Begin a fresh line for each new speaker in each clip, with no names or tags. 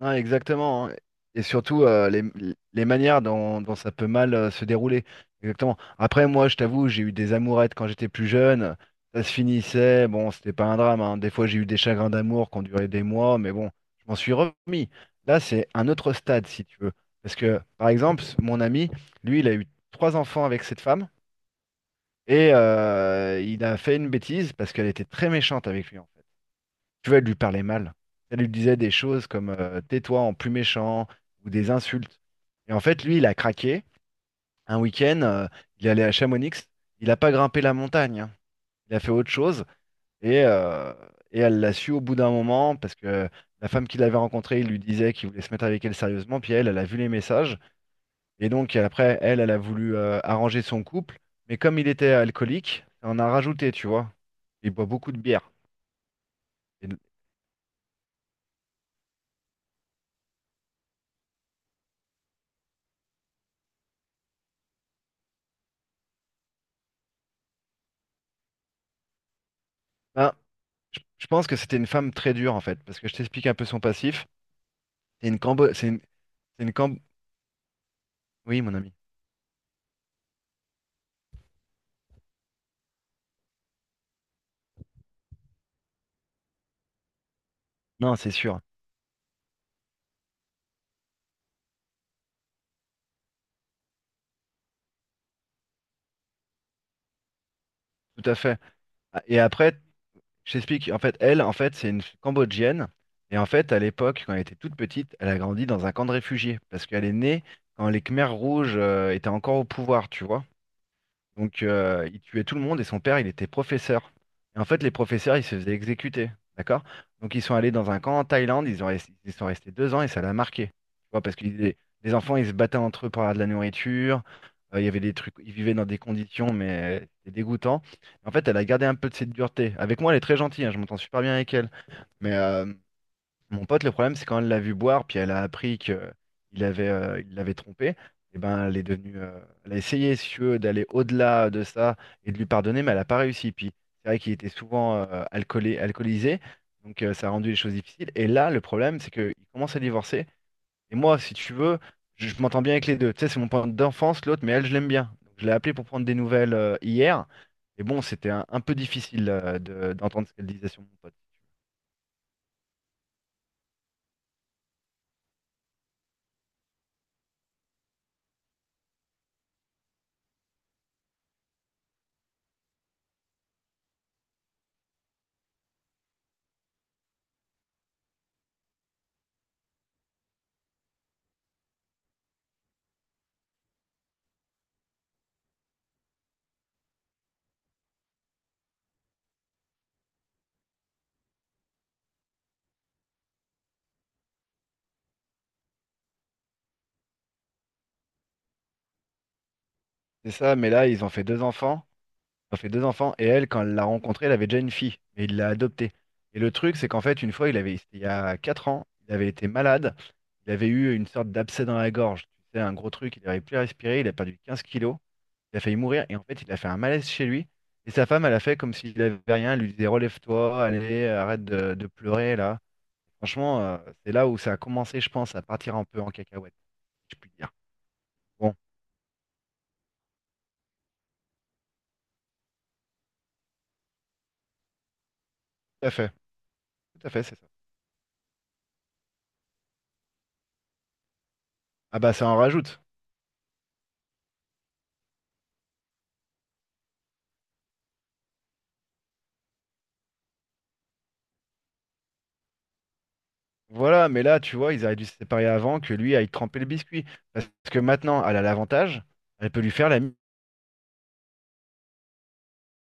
Ah, exactement. Hein. Et surtout, les manières dont ça peut mal se dérouler. Exactement. Après, moi, je t'avoue, j'ai eu des amourettes quand j'étais plus jeune. Ça se finissait. Bon, c'était pas un drame. Hein. Des fois, j'ai eu des chagrins d'amour qui ont duré des mois, mais bon, je m'en suis remis. Là, c'est un autre stade, si tu veux. Parce que, par exemple, mon ami, lui, il a eu trois enfants avec cette femme et il a fait une bêtise parce qu'elle était très méchante avec lui. Tu vois, elle lui parlait mal. Elle lui disait des choses comme tais-toi en plus méchant ou des insultes. Et en fait, lui, il a craqué. Un week-end, il est allé à Chamonix. Il n'a pas grimpé la montagne. Hein. Il a fait autre chose. Et, euh, et elle l'a su au bout d'un moment parce que la femme qu'il avait rencontrée, il lui disait qu'il voulait se mettre avec elle sérieusement. Puis elle, elle a vu les messages. Et donc, après, elle, elle a voulu arranger son couple. Mais comme il était alcoolique, on a rajouté, tu vois. Il boit beaucoup de bière. Et, ben, je pense que c'était une femme très dure en fait, parce que je t'explique un peu son passif. C'est une cambo, c'est une Cam- Oui, mon ami. Non, c'est sûr, tout à fait. Ah, et après, je t'explique. En fait, elle, en fait, c'est une Cambodgienne. Et en fait, à l'époque, quand elle était toute petite, elle a grandi dans un camp de réfugiés, parce qu'elle est née quand les Khmers rouges étaient encore au pouvoir, tu vois. Donc, il tuait tout le monde et son père, il était professeur. Et en fait, les professeurs, ils se faisaient exécuter. D'accord? Donc, ils sont allés dans un camp en Thaïlande, ils sont restés 2 ans et ça l'a marqué. Tu vois, parce que les enfants, ils se battaient entre eux pour avoir de la nourriture. Il y avait des trucs, ils vivaient dans des conditions, mais c'était dégoûtant. En fait, elle a gardé un peu de cette dureté. Avec moi, elle est très gentille, hein, je m'entends super bien avec elle. Mais mon pote, le problème, c'est quand elle l'a vu boire, puis elle a appris que il l'avait trompé, et ben, elle a essayé, si tu veux, d'aller au-delà de ça et de lui pardonner, mais elle n'a pas réussi. Puis c'est vrai qu'il était souvent alcoolisé, donc ça a rendu les choses difficiles. Et là, le problème, c'est qu'il commence à divorcer. Et moi, si tu veux, je m'entends bien avec les deux. Tu sais, c'est mon point d'enfance, l'autre, mais elle, je l'aime bien. Donc, je l'ai appelée pour prendre des nouvelles hier. Et bon, c'était un peu difficile d'entendre ce qu'elle disait sur mon pote. C'est ça, mais là, ils ont fait deux enfants. Ils ont fait deux enfants et elle, quand elle l'a rencontré, elle avait déjà une fille, mais il l'a adoptée. Et le truc, c'est qu'en fait, une fois, il avait, c'était il y a 4 ans, il avait été malade, il avait eu une sorte d'abcès dans la gorge, tu sais, un gros truc, il n'avait plus à respirer, il a perdu 15 kilos, il a failli mourir, et en fait, il a fait un malaise chez lui. Et sa femme, elle a fait comme s'il avait rien, elle lui disait, relève-toi, allez, arrête de pleurer, là. Franchement, c'est là où ça a commencé, je pense, à partir un peu en cacahuète, si je puis dire. Bon, tout à fait, tout à fait, c'est ça. Ah bah ça en rajoute. Voilà, mais là, tu vois, ils auraient dû se séparer avant que lui aille tremper le biscuit. Parce que maintenant, elle a l'avantage, elle peut lui faire la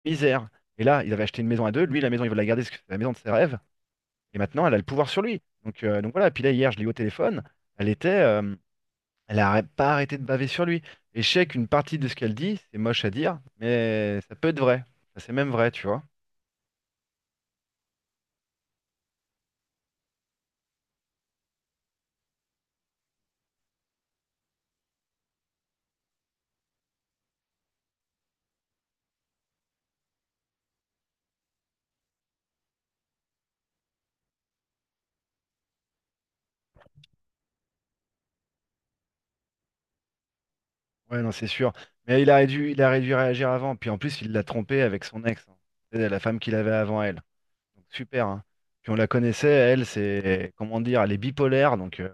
misère. Et là, ils avaient acheté une maison à deux, lui, la maison, il veut la garder parce que c'est la maison de ses rêves. Et maintenant, elle a le pouvoir sur lui. Donc voilà, puis là, hier, je l'ai eu au téléphone, elle était, euh, elle a pas arrêté de baver sur lui. Et je sais qu'une partie de ce qu'elle dit, c'est moche à dire, mais ça peut être vrai. Ça, c'est même vrai, tu vois. Ouais, non, c'est sûr. Mais il aurait dû réagir avant. Puis en plus, il l'a trompée avec son ex, hein. C'est la femme qu'il avait avant elle. Donc, super. Hein. Puis on la connaissait, elle, c'est, comment dire, elle est bipolaire. Donc,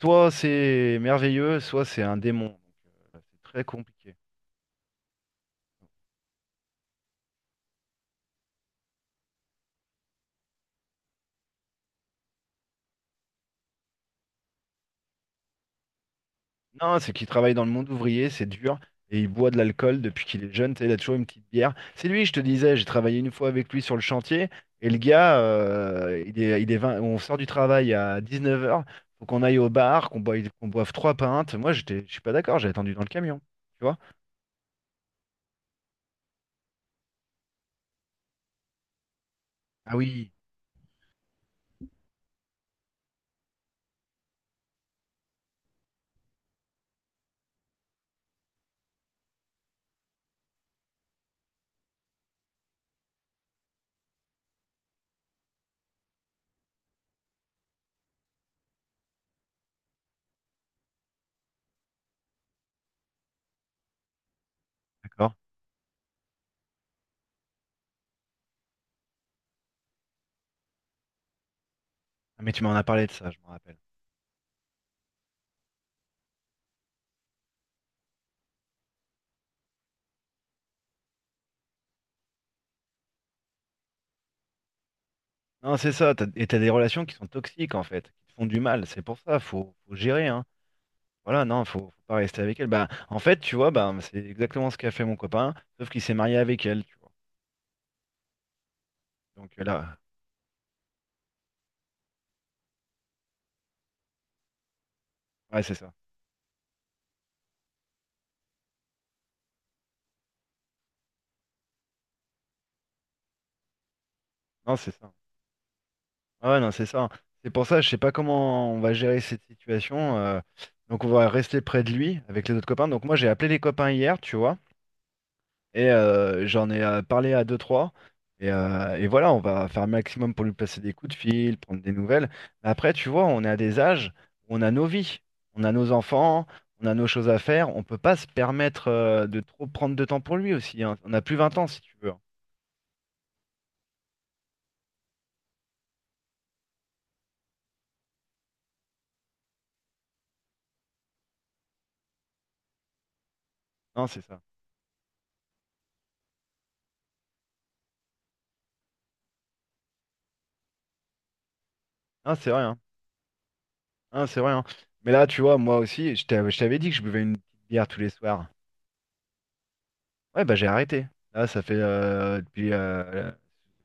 soit c'est merveilleux, soit c'est un démon. Donc, c'est très compliqué. Non, c'est qu'il travaille dans le monde ouvrier, c'est dur. Et il boit de l'alcool depuis qu'il est jeune. Tu sais, il a toujours une petite bière. C'est lui, je te disais, j'ai travaillé une fois avec lui sur le chantier. Et le gars, il est 20, on sort du travail à 19 heures. Faut qu'on aille au bar, qu'on boive, 3 pintes. Moi, je suis pas d'accord, j'ai attendu dans le camion. Tu vois? Ah oui, d'accord. Ah, mais tu m'en as parlé de ça, je m'en rappelle. Non, c'est ça. Et t'as des relations qui sont toxiques, en fait, qui te font du mal. C'est pour ça, faut gérer, hein. Voilà, non, faut pas rester avec elle. Bah, en fait, tu vois, bah, c'est exactement ce qu'a fait mon copain, sauf qu'il s'est marié avec elle, tu vois. Donc là, ouais, c'est ça. Non, c'est ça. Ah ouais, non, c'est ça. C'est pour ça, je sais pas comment on va gérer cette situation. Donc on va rester près de lui avec les autres copains. Donc moi, j'ai appelé les copains hier, tu vois. Et j'en ai parlé à deux, trois. Et voilà, on va faire un maximum pour lui passer des coups de fil, prendre des nouvelles. Mais après, tu vois, on est à des âges où on a nos vies, on a nos enfants, on a nos choses à faire. On peut pas se permettre de trop prendre de temps pour lui aussi. Hein. On a plus 20 ans, si tu veux. Hein. Non, c'est ça. Non, c'est vrai. Hein. Non, c'est vrai. Hein. Mais là, tu vois, moi aussi, je t'avais dit que je buvais une petite bière tous les soirs. Ouais, bah j'ai arrêté. Là, ça fait depuis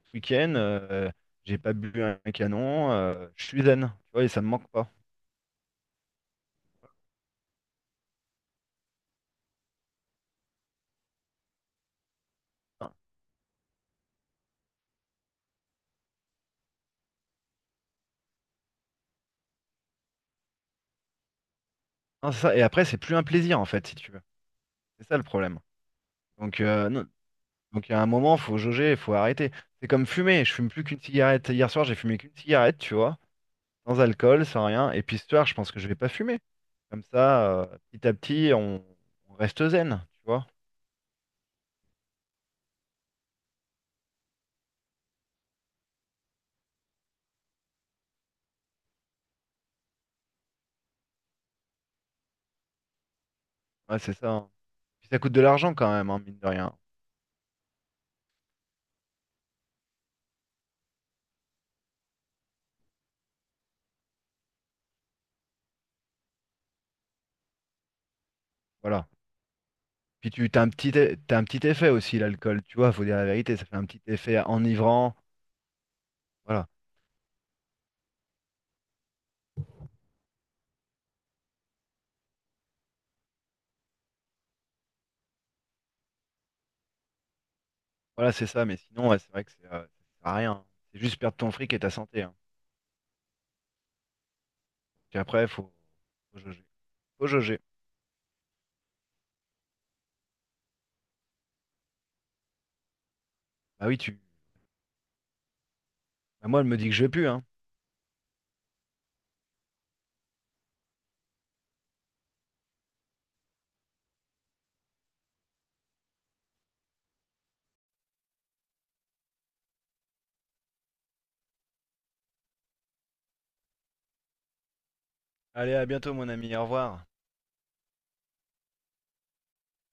ce week-end, j'ai pas bu un canon, je suis zen, tu vois, et ça me manque pas. Hein, hein, c'est ça. Et après, c'est plus un plaisir, en fait, si tu veux. C'est ça le problème. Donc, non. Donc, il y a un moment, faut jauger, il faut arrêter. C'est comme fumer, je fume plus qu'une cigarette. Hier soir, j'ai fumé qu'une cigarette, tu vois, sans alcool, sans rien. Et puis ce soir, je pense que je vais pas fumer. Comme ça, petit à petit, on reste zen, tu vois. Ouais, c'est ça. Hein. Puis ça coûte de l'argent quand même, hein, mine de rien. Voilà. Puis tu t'as un petit, e- t'as un petit effet aussi, l'alcool, tu vois, faut dire la vérité, ça fait un petit effet enivrant. Voilà, voilà, c'est ça, mais sinon, ouais, c'est vrai que ça sert à rien. Hein. C'est juste perdre ton fric et ta santé. Hein. Puis après, faut jauger. Faut jauger. Bah oui, tu. Bah moi, elle me dit que je vais plus, hein. Allez, à bientôt, mon ami, au revoir.